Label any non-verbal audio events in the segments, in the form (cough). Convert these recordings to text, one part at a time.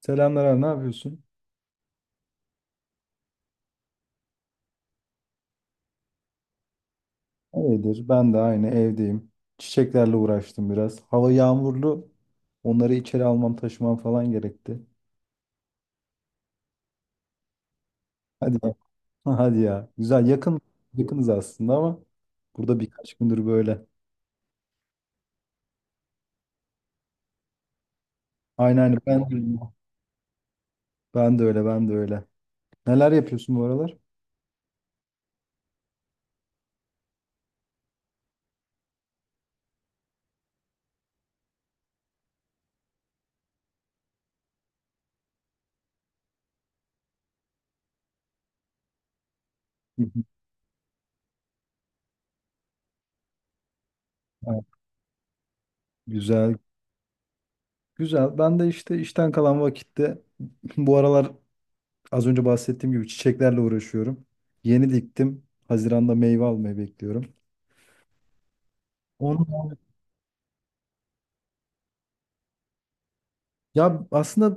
Selamlar abi, ne yapıyorsun? İyidir. Ben de aynı evdeyim. Çiçeklerle uğraştım biraz. Hava yağmurlu. Onları içeri almam, taşımam falan gerekti. Hadi ya. (laughs) Hadi ya. Güzel. Yakınız aslında ama burada birkaç gündür böyle. Aynen aynen. Ben de öyle. Ben de öyle. Ben de öyle. Neler yapıyorsun bu aralar? Hı hı. Ha, güzel. Güzel. Ben de işte işten kalan vakitte (laughs) bu aralar az önce bahsettiğim gibi çiçeklerle uğraşıyorum. Yeni diktim. Haziran'da meyve almayı bekliyorum. Onu Ya aslında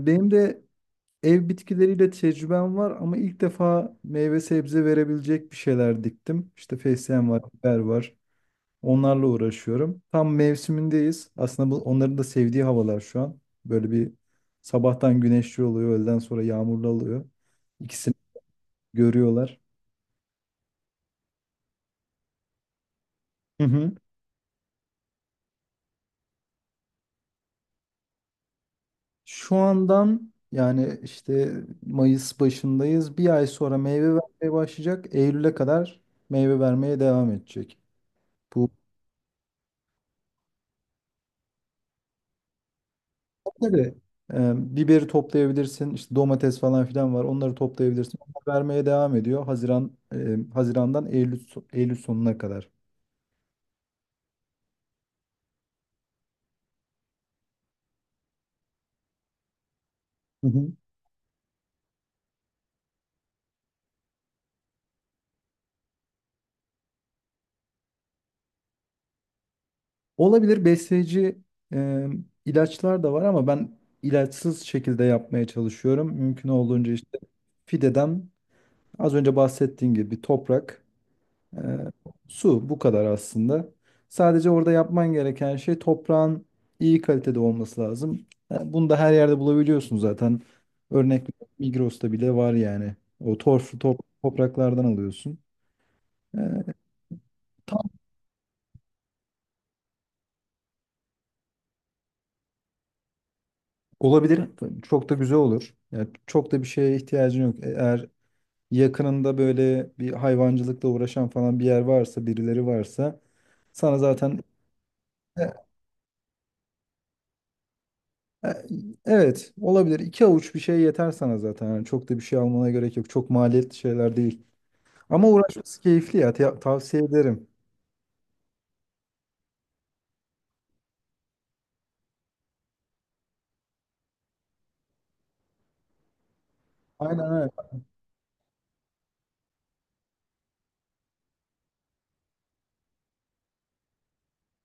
benim de ev bitkileriyle tecrübem var ama ilk defa meyve sebze verebilecek bir şeyler diktim. İşte fesleğen var, biber var. Onlarla uğraşıyorum. Tam mevsimindeyiz. Aslında bu onların da sevdiği havalar şu an. Böyle bir sabahtan güneşli oluyor, öğleden sonra yağmurlu oluyor. İkisini görüyorlar. Hı hı. Şu andan yani işte Mayıs başındayız. Bir ay sonra meyve vermeye başlayacak. Eylül'e kadar meyve vermeye devam edecek. Tabii. Biberi toplayabilirsin. İşte domates falan filan var. Onları toplayabilirsin. Onlar vermeye devam ediyor. Haziran Haziran'dan Eylül Eylül sonuna kadar. Hı hı. Olabilir besleyici e, ilaçlar da var ama ben ilaçsız şekilde yapmaya çalışıyorum. Mümkün olduğunca işte fideden az önce bahsettiğim gibi toprak Ee, su bu kadar aslında. Sadece orada yapman gereken şey toprağın iyi kalitede olması lazım. Yani bunu da her yerde bulabiliyorsun zaten. Örnek Migros'ta bile var yani. O torf, topraklardan alıyorsun. Ee, Tam olabilir. Çok da güzel olur. Yani çok da bir şeye ihtiyacın yok. Eğer yakınında böyle bir hayvancılıkla uğraşan falan bir yer varsa, birileri varsa sana zaten E, evet, olabilir. İki avuç bir şey yeter sana zaten. Yani çok da bir şey almana gerek yok. Çok maliyetli şeyler değil. Ama uğraşması keyifli ya. Tavsiye ederim. Aynen öyle.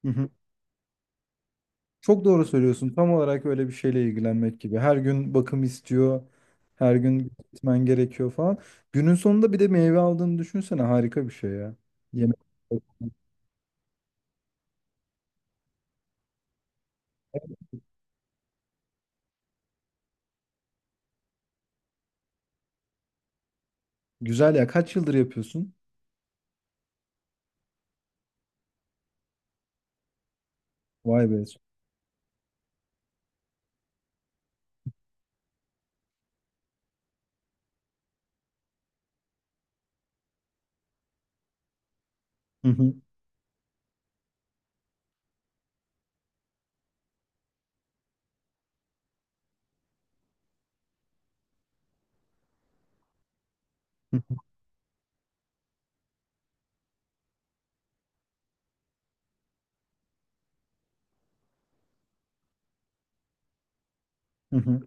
Hı hı. Çok doğru söylüyorsun. Tam olarak öyle bir şeyle ilgilenmek gibi. Her gün bakım istiyor. Her gün gitmen gerekiyor falan. Günün sonunda bir de meyve aldığını düşünsene. Harika bir şey ya. Yemek. Güzel ya. Kaç yıldır yapıyorsun? Vay be. Hı hı. Hı hı.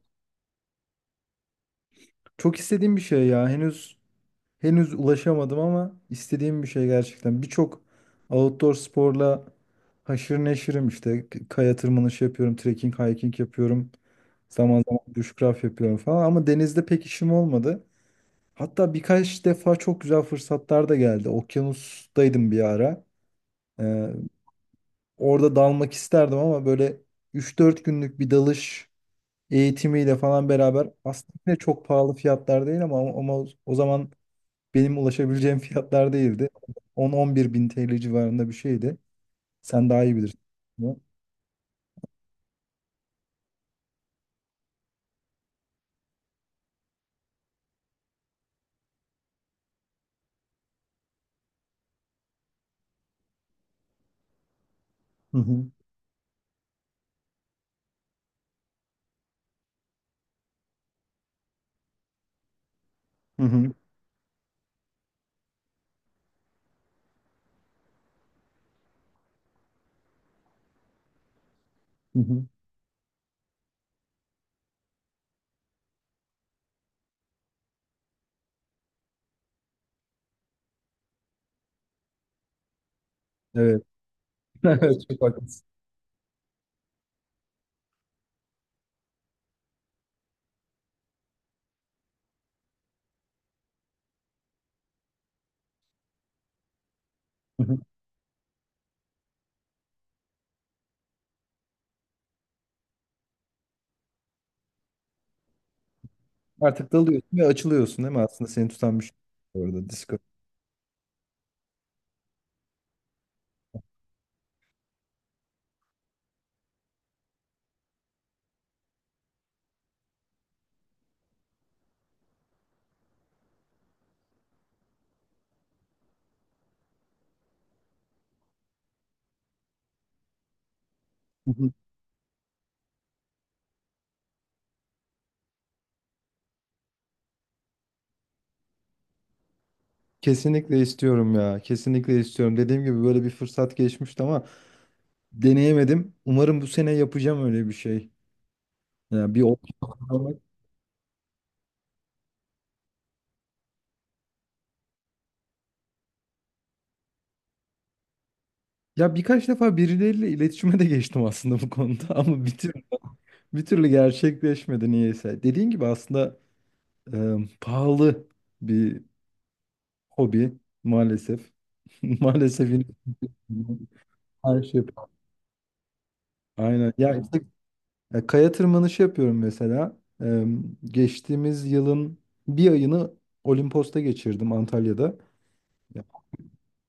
Çok istediğim bir şey ya. Henüz ulaşamadım ama istediğim bir şey gerçekten. Birçok outdoor sporla haşır neşirim işte. Kaya tırmanışı yapıyorum, trekking, hiking yapıyorum. Zaman zaman bushcraft yapıyorum falan ama denizde pek işim olmadı. Hatta birkaç defa çok güzel fırsatlar da geldi. Okyanustaydım bir ara. Ee, Orada dalmak isterdim ama böyle 3-4 günlük bir dalış eğitimiyle falan beraber aslında yine çok pahalı fiyatlar değil ama o zaman benim ulaşabileceğim fiyatlar değildi. 10-11 bin TL civarında bir şeydi. Sen daha iyi bilirsin bunu. Hı hı. Hı hı. Hı hı. Evet. (laughs) Evet, çok haklısın. Hı hı. Artık dalıyorsun ve açılıyorsun değil mi? Aslında seni tutan bir şey yok orada Discord. Hı hı. Kesinlikle istiyorum ya. Kesinlikle istiyorum. Dediğim gibi böyle bir fırsat geçmişti ama deneyemedim. Umarım bu sene yapacağım öyle bir şey. Ya bir opsiyon almak. Ya birkaç defa birileriyle iletişime de geçtim aslında bu konuda. (laughs) Ama bitir bir türlü gerçekleşmedi niyeyse. Dediğin gibi aslında e, pahalı bir hobi maalesef. (laughs) Maalesef yine her şey pahalı. Aynen. Ya işte, kaya tırmanışı yapıyorum mesela. Geçtiğimiz yılın bir ayını Olimpos'ta geçirdim Antalya'da. Ya,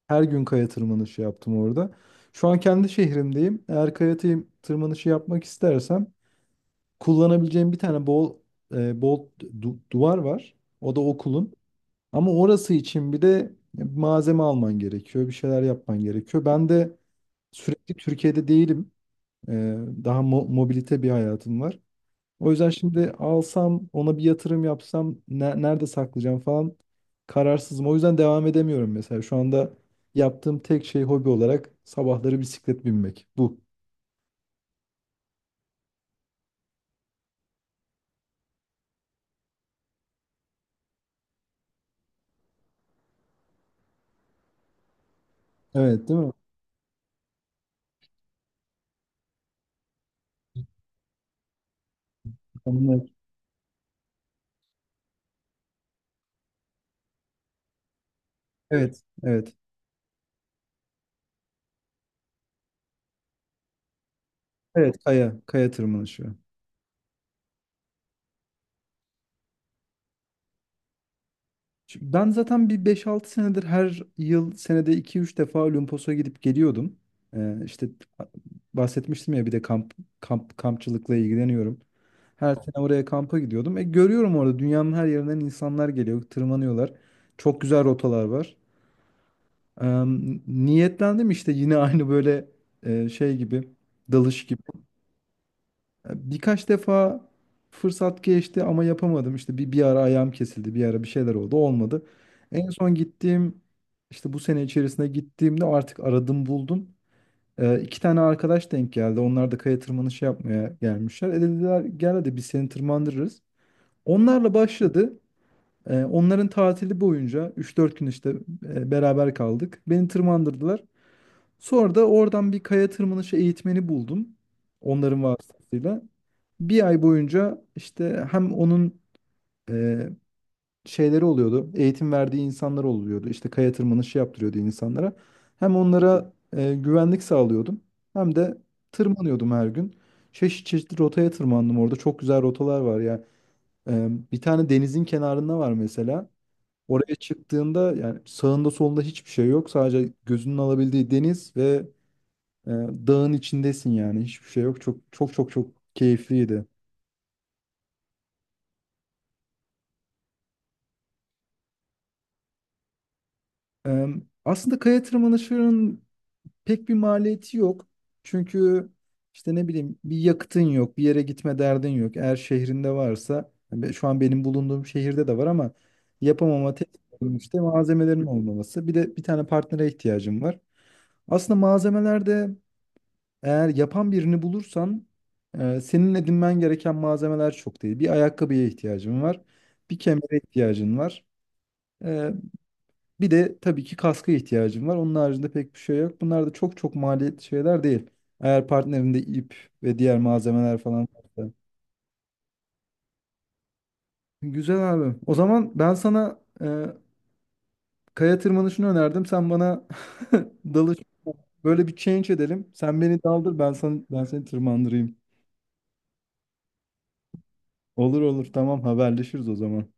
her gün kaya tırmanışı yaptım orada. Şu an kendi şehrimdeyim. Eğer kaya tırmanışı yapmak istersem kullanabileceğim bir tane bol duvar var. O da okulun. Ama orası için bir de malzeme alman gerekiyor, bir şeyler yapman gerekiyor. Ben de sürekli Türkiye'de değilim. Ee, Daha mobilite bir hayatım var. O yüzden şimdi alsam, ona bir yatırım yapsam, nerede saklayacağım falan kararsızım. O yüzden devam edemiyorum mesela. Şu anda yaptığım tek şey hobi olarak sabahları bisiklet binmek. Bu. Evet, değil mi? Anlıyorum. Evet, evet. Evet, kaya tırmanışı. Şimdi ben zaten bir beş altı senedir her yıl senede iki üç defa Olimpos'a gidip geliyordum. İşte bahsetmiştim ya bir de kampçılıkla ilgileniyorum. Her sene oraya kampa gidiyordum. E, görüyorum orada dünyanın her yerinden insanlar geliyor, tırmanıyorlar. Çok güzel rotalar var. Ee, Niyetlendim işte yine (laughs) aynı böyle şey gibi, dalış gibi. Birkaç defa fırsat geçti ama yapamadım. İşte bir ara ayağım kesildi, bir ara bir şeyler oldu, olmadı. En son gittiğim, işte bu sene içerisinde gittiğimde artık aradım buldum. İki tane arkadaş denk geldi. Onlar da kaya tırmanışı yapmaya gelmişler. E dediler gel hadi biz seni tırmandırırız. Onlarla başladı. Onların tatili boyunca üç dört gün işte beraber kaldık. Beni tırmandırdılar. Sonra da oradan bir kaya tırmanışı eğitmeni buldum. Onların vasıtasıyla. Bir ay boyunca işte hem onun e, şeyleri oluyordu. Eğitim verdiği insanlar oluyordu. İşte kaya tırmanışı yaptırıyordu insanlara. Hem onlara güvenlik sağlıyordum. Hem de tırmanıyordum her gün. Çeşitli rotaya tırmandım orada. Çok güzel rotalar var ya. E, bir tane denizin kenarında var mesela. Oraya çıktığında yani sağında solunda hiçbir şey yok. Sadece gözünün alabildiği deniz ve ee, dağın içindesin yani hiçbir şey yok. Çok çok çok çok keyifliydi. Ee, Aslında kaya tırmanışının pek bir maliyeti yok. Çünkü işte ne bileyim bir yakıtın yok, bir yere gitme derdin yok. Eğer şehrinde varsa, yani şu an benim bulunduğum şehirde de var ama yapamama tek sorun işte malzemelerin olmaması. Bir de bir tane partnere ihtiyacım var. Aslında malzemeler de eğer yapan birini bulursan senin edinmen gereken malzemeler çok değil. Bir ayakkabıya ihtiyacın var, bir kemere ihtiyacın var. e, Bir de tabii ki kaska ihtiyacın var. Onun haricinde pek bir şey yok. Bunlar da çok çok maliyetli şeyler değil. Eğer partnerinde ip ve diğer malzemeler falan varsa. Güzel abi. O zaman ben sana kaya tırmanışını önerdim. Sen bana (laughs) dalış böyle bir change edelim. Sen beni daldır, ben seni tırmandırayım. Olur olur tamam haberleşiriz o zaman.